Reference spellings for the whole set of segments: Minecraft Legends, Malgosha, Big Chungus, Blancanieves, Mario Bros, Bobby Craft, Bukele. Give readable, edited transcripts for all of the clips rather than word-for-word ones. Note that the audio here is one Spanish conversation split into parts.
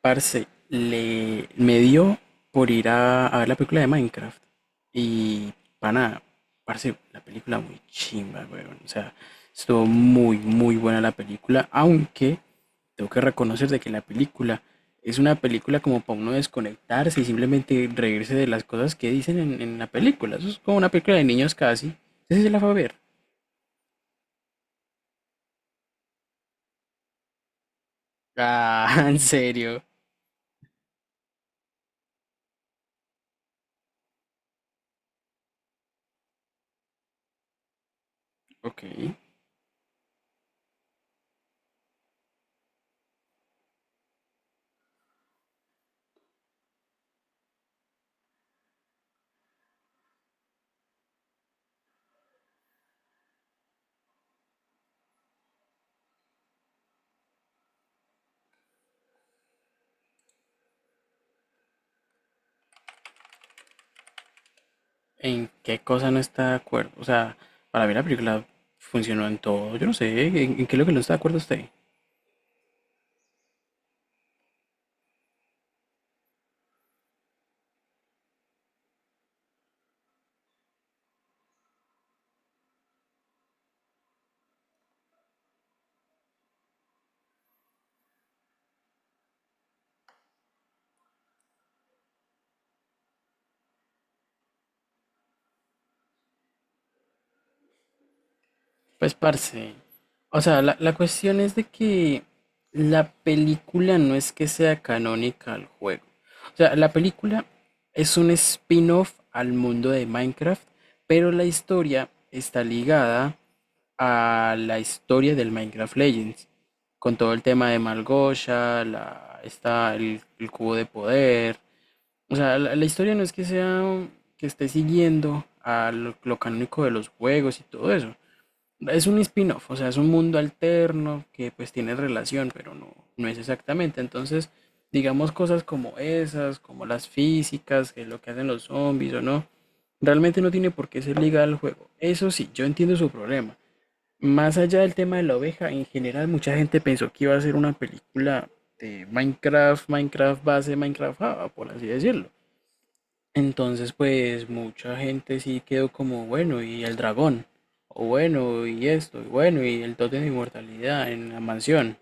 Parce, me dio por ir a ver la película de Minecraft. Y, pana, parce, la película muy chimba, weón. O sea, estuvo muy buena la película. Aunque tengo que reconocer de que la película es una película como para uno desconectarse y simplemente reírse de las cosas que dicen en la película. Eso es como una película de niños casi. Ese se la fue a ver. Ah, ¿en serio? Ok. ¿En qué cosa no está de acuerdo? O sea, para mí la película funcionó en todo. Yo no sé, en qué es lo que no está de acuerdo usted? Pues, parce. O sea, la cuestión es de que la película no es que sea canónica al juego. O sea, la película es un spin-off al mundo de Minecraft, pero la historia está ligada a la historia del Minecraft Legends, con todo el tema de Malgosha, la, está el cubo de poder. O sea, la historia no es que sea que esté siguiendo a lo canónico de los juegos y todo eso. Es un spin-off, o sea, es un mundo alterno que pues tiene relación, pero no es exactamente. Entonces, digamos cosas como esas, como las físicas, que es lo que hacen los zombies o no, realmente no tiene por qué ser ligada al juego. Eso sí, yo entiendo su problema. Más allá del tema de la oveja, en general mucha gente pensó que iba a ser una película de Minecraft, Minecraft base, Minecraft Java, por así decirlo. Entonces, pues mucha gente sí quedó como, bueno, y el dragón, o bueno, y esto, y bueno, y el tótem de inmortalidad en la mansión.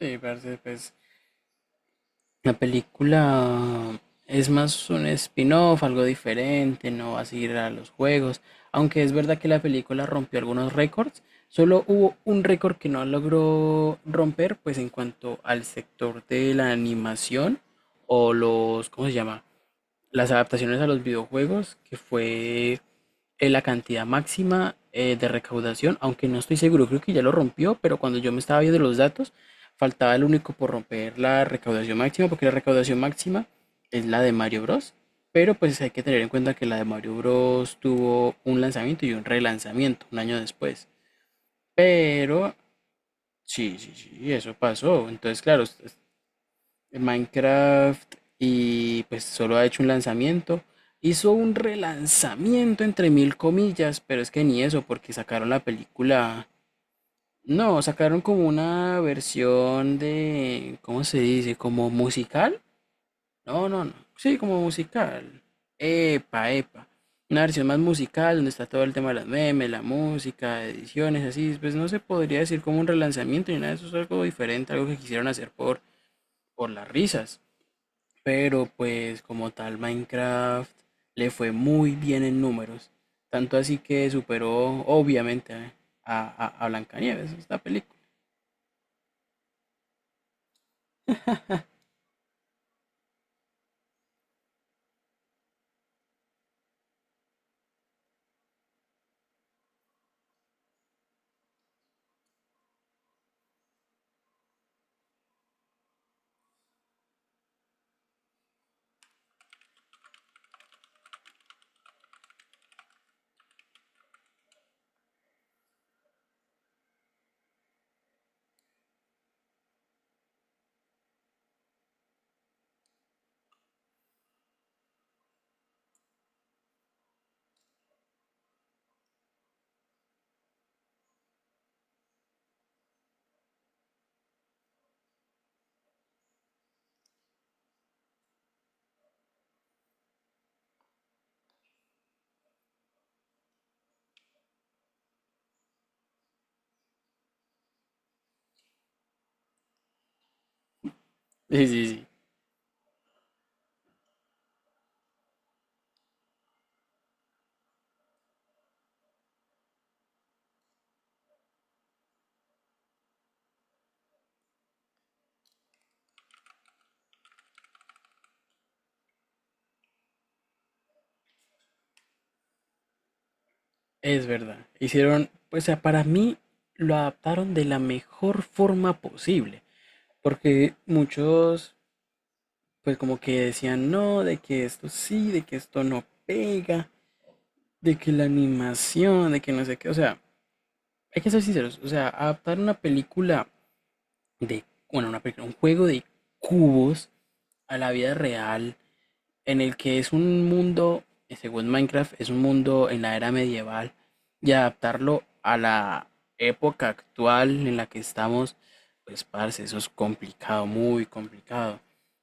Sí, parce, pues la película es más un spin-off, algo diferente, no va a seguir a los juegos. Aunque es verdad que la película rompió algunos récords, solo hubo un récord que no logró romper, pues en cuanto al sector de la animación o los, ¿cómo se llama? Las adaptaciones a los videojuegos, que fue la cantidad máxima de recaudación, aunque no estoy seguro, creo que ya lo rompió, pero cuando yo me estaba viendo los datos, faltaba el único por romper la recaudación máxima, porque la recaudación máxima es la de Mario Bros. Pero pues hay que tener en cuenta que la de Mario Bros tuvo un lanzamiento y un relanzamiento un año después. Pero sí, sí, sí, eso pasó. Entonces, claro, en Minecraft y pues solo ha hecho un lanzamiento. Hizo un relanzamiento entre mil comillas, pero es que ni eso, porque sacaron la película. No, sacaron como una versión de, ¿cómo se dice? ¿Como musical? No, no, no. Sí, como musical. Epa, epa. Una versión más musical donde está todo el tema de las memes, la música, ediciones, así. Pues no se podría decir como un relanzamiento ni nada de eso, es algo diferente, algo que quisieron hacer por las risas. Pero pues como tal Minecraft le fue muy bien en números, tanto así que superó obviamente a Blancanieves, esta película. Sí, sí, sí, es verdad. Hicieron, pues o sea, para mí lo adaptaron de la mejor forma posible, porque muchos pues como que decían no, de que esto sí, de que esto no pega, de que la animación, de que no sé qué, o sea, hay que ser sinceros, o sea, adaptar una película de, bueno, una película, un juego de cubos a la vida real en el que es un mundo, según Minecraft, es un mundo en la era medieval y adaptarlo a la época actual en la que estamos, pues parce, eso es complicado, muy complicado.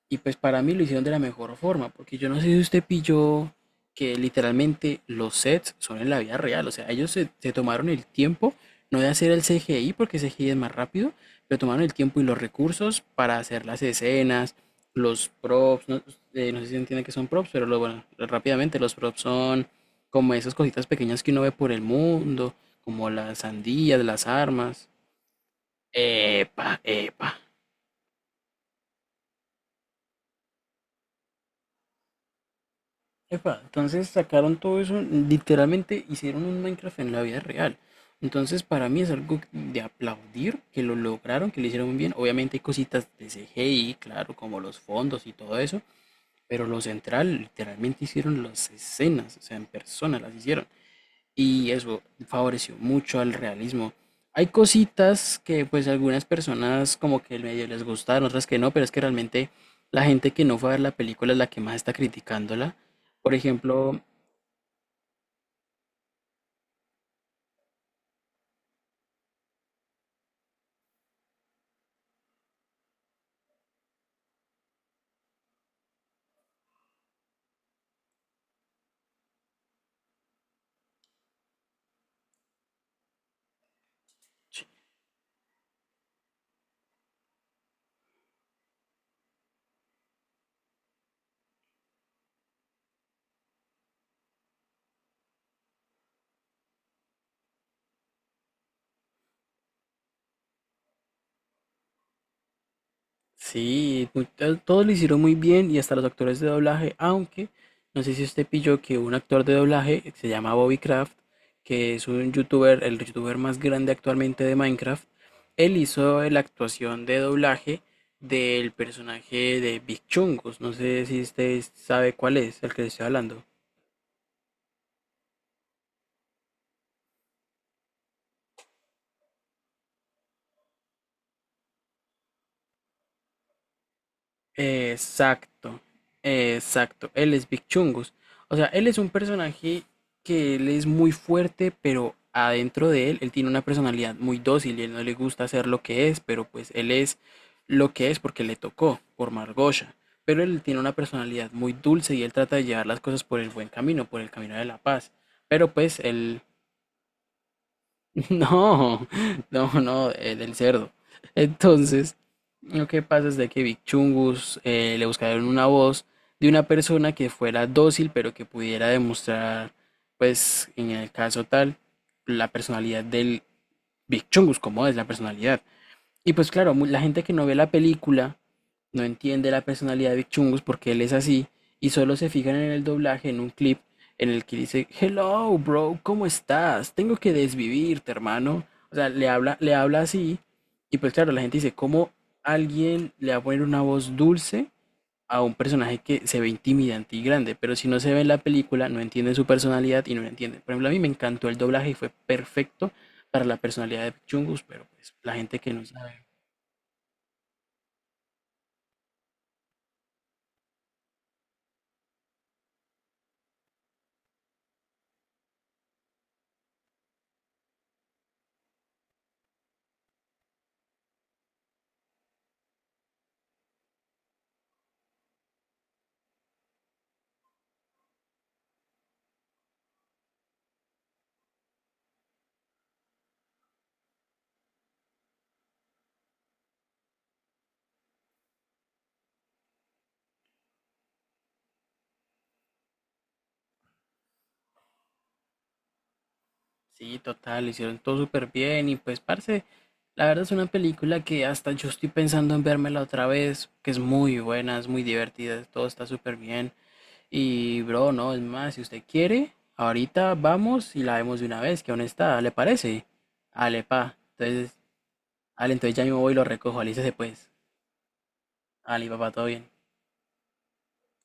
Y pues para mí lo hicieron de la mejor forma, porque yo no sé si usted pilló que literalmente los sets son en la vida real, o sea, ellos se tomaron el tiempo, no de hacer el CGI, porque CGI es más rápido, pero tomaron el tiempo y los recursos para hacer las escenas, los props, ¿no? Eh, no sé si entiende que son props, pero lo, bueno, rápidamente los props son como esas cositas pequeñas que uno ve por el mundo, como las sandías, las armas. Epa, epa. Epa, entonces sacaron todo eso, literalmente hicieron un Minecraft en la vida real. Entonces para mí es algo de aplaudir que lo lograron, que lo hicieron muy bien. Obviamente hay cositas de CGI, claro, como los fondos y todo eso, pero lo central, literalmente hicieron las escenas, o sea, en persona las hicieron. Y eso favoreció mucho al realismo. Hay cositas que pues algunas personas como que medio les gustaron, otras que no, pero es que realmente la gente que no fue a ver la película es la que más está criticándola. Por ejemplo, sí, todo lo hicieron muy bien y hasta los actores de doblaje, aunque no sé si usted pilló que un actor de doblaje que se llama Bobby Craft, que es un youtuber, el youtuber más grande actualmente de Minecraft, él hizo la actuación de doblaje del personaje de Big Chungus, no sé si usted sabe cuál es, el que le estoy hablando. Exacto, exacto. Él es Big Chungus. O sea, él es un personaje que él es muy fuerte, pero adentro de él, él tiene una personalidad muy dócil y él no le gusta hacer lo que es, pero pues él es lo que es porque le tocó por Margosha. Pero él tiene una personalidad muy dulce y él trata de llevar las cosas por el buen camino, por el camino de la paz. Pero pues él no, no, no, del cerdo. Entonces, lo que pasa es de que Big Chungus le buscaron una voz de una persona que fuera dócil, pero que pudiera demostrar, pues, en el caso tal, la personalidad del Big Chungus, como es la personalidad. Y pues claro, la gente que no ve la película no entiende la personalidad de Vic Chungus porque él es así y solo se fijan en el doblaje, en un clip en el que dice, "Hello, bro, ¿cómo estás? Tengo que desvivirte, hermano". O sea, le habla así y pues claro, la gente dice, ¿cómo alguien le va a poner una voz dulce a un personaje que se ve intimidante y grande? Pero si no se ve en la película, no entienden su personalidad y no la entienden. Por ejemplo, a mí me encantó el doblaje y fue perfecto para la personalidad de Vic Chungus, pero pues la gente que no sabe. Sí, total, hicieron todo súper bien y pues, parce, la verdad es una película que hasta yo estoy pensando en vérmela otra vez, que es muy buena, es muy divertida, todo está súper bien. Y, bro, no, es más, si usted quiere, ahorita vamos y la vemos de una vez, que aún está, ¿le parece? Ale, pa. Entonces, ale, entonces ya mismo voy y lo recojo, alícese pues. Ale, papá, todo bien.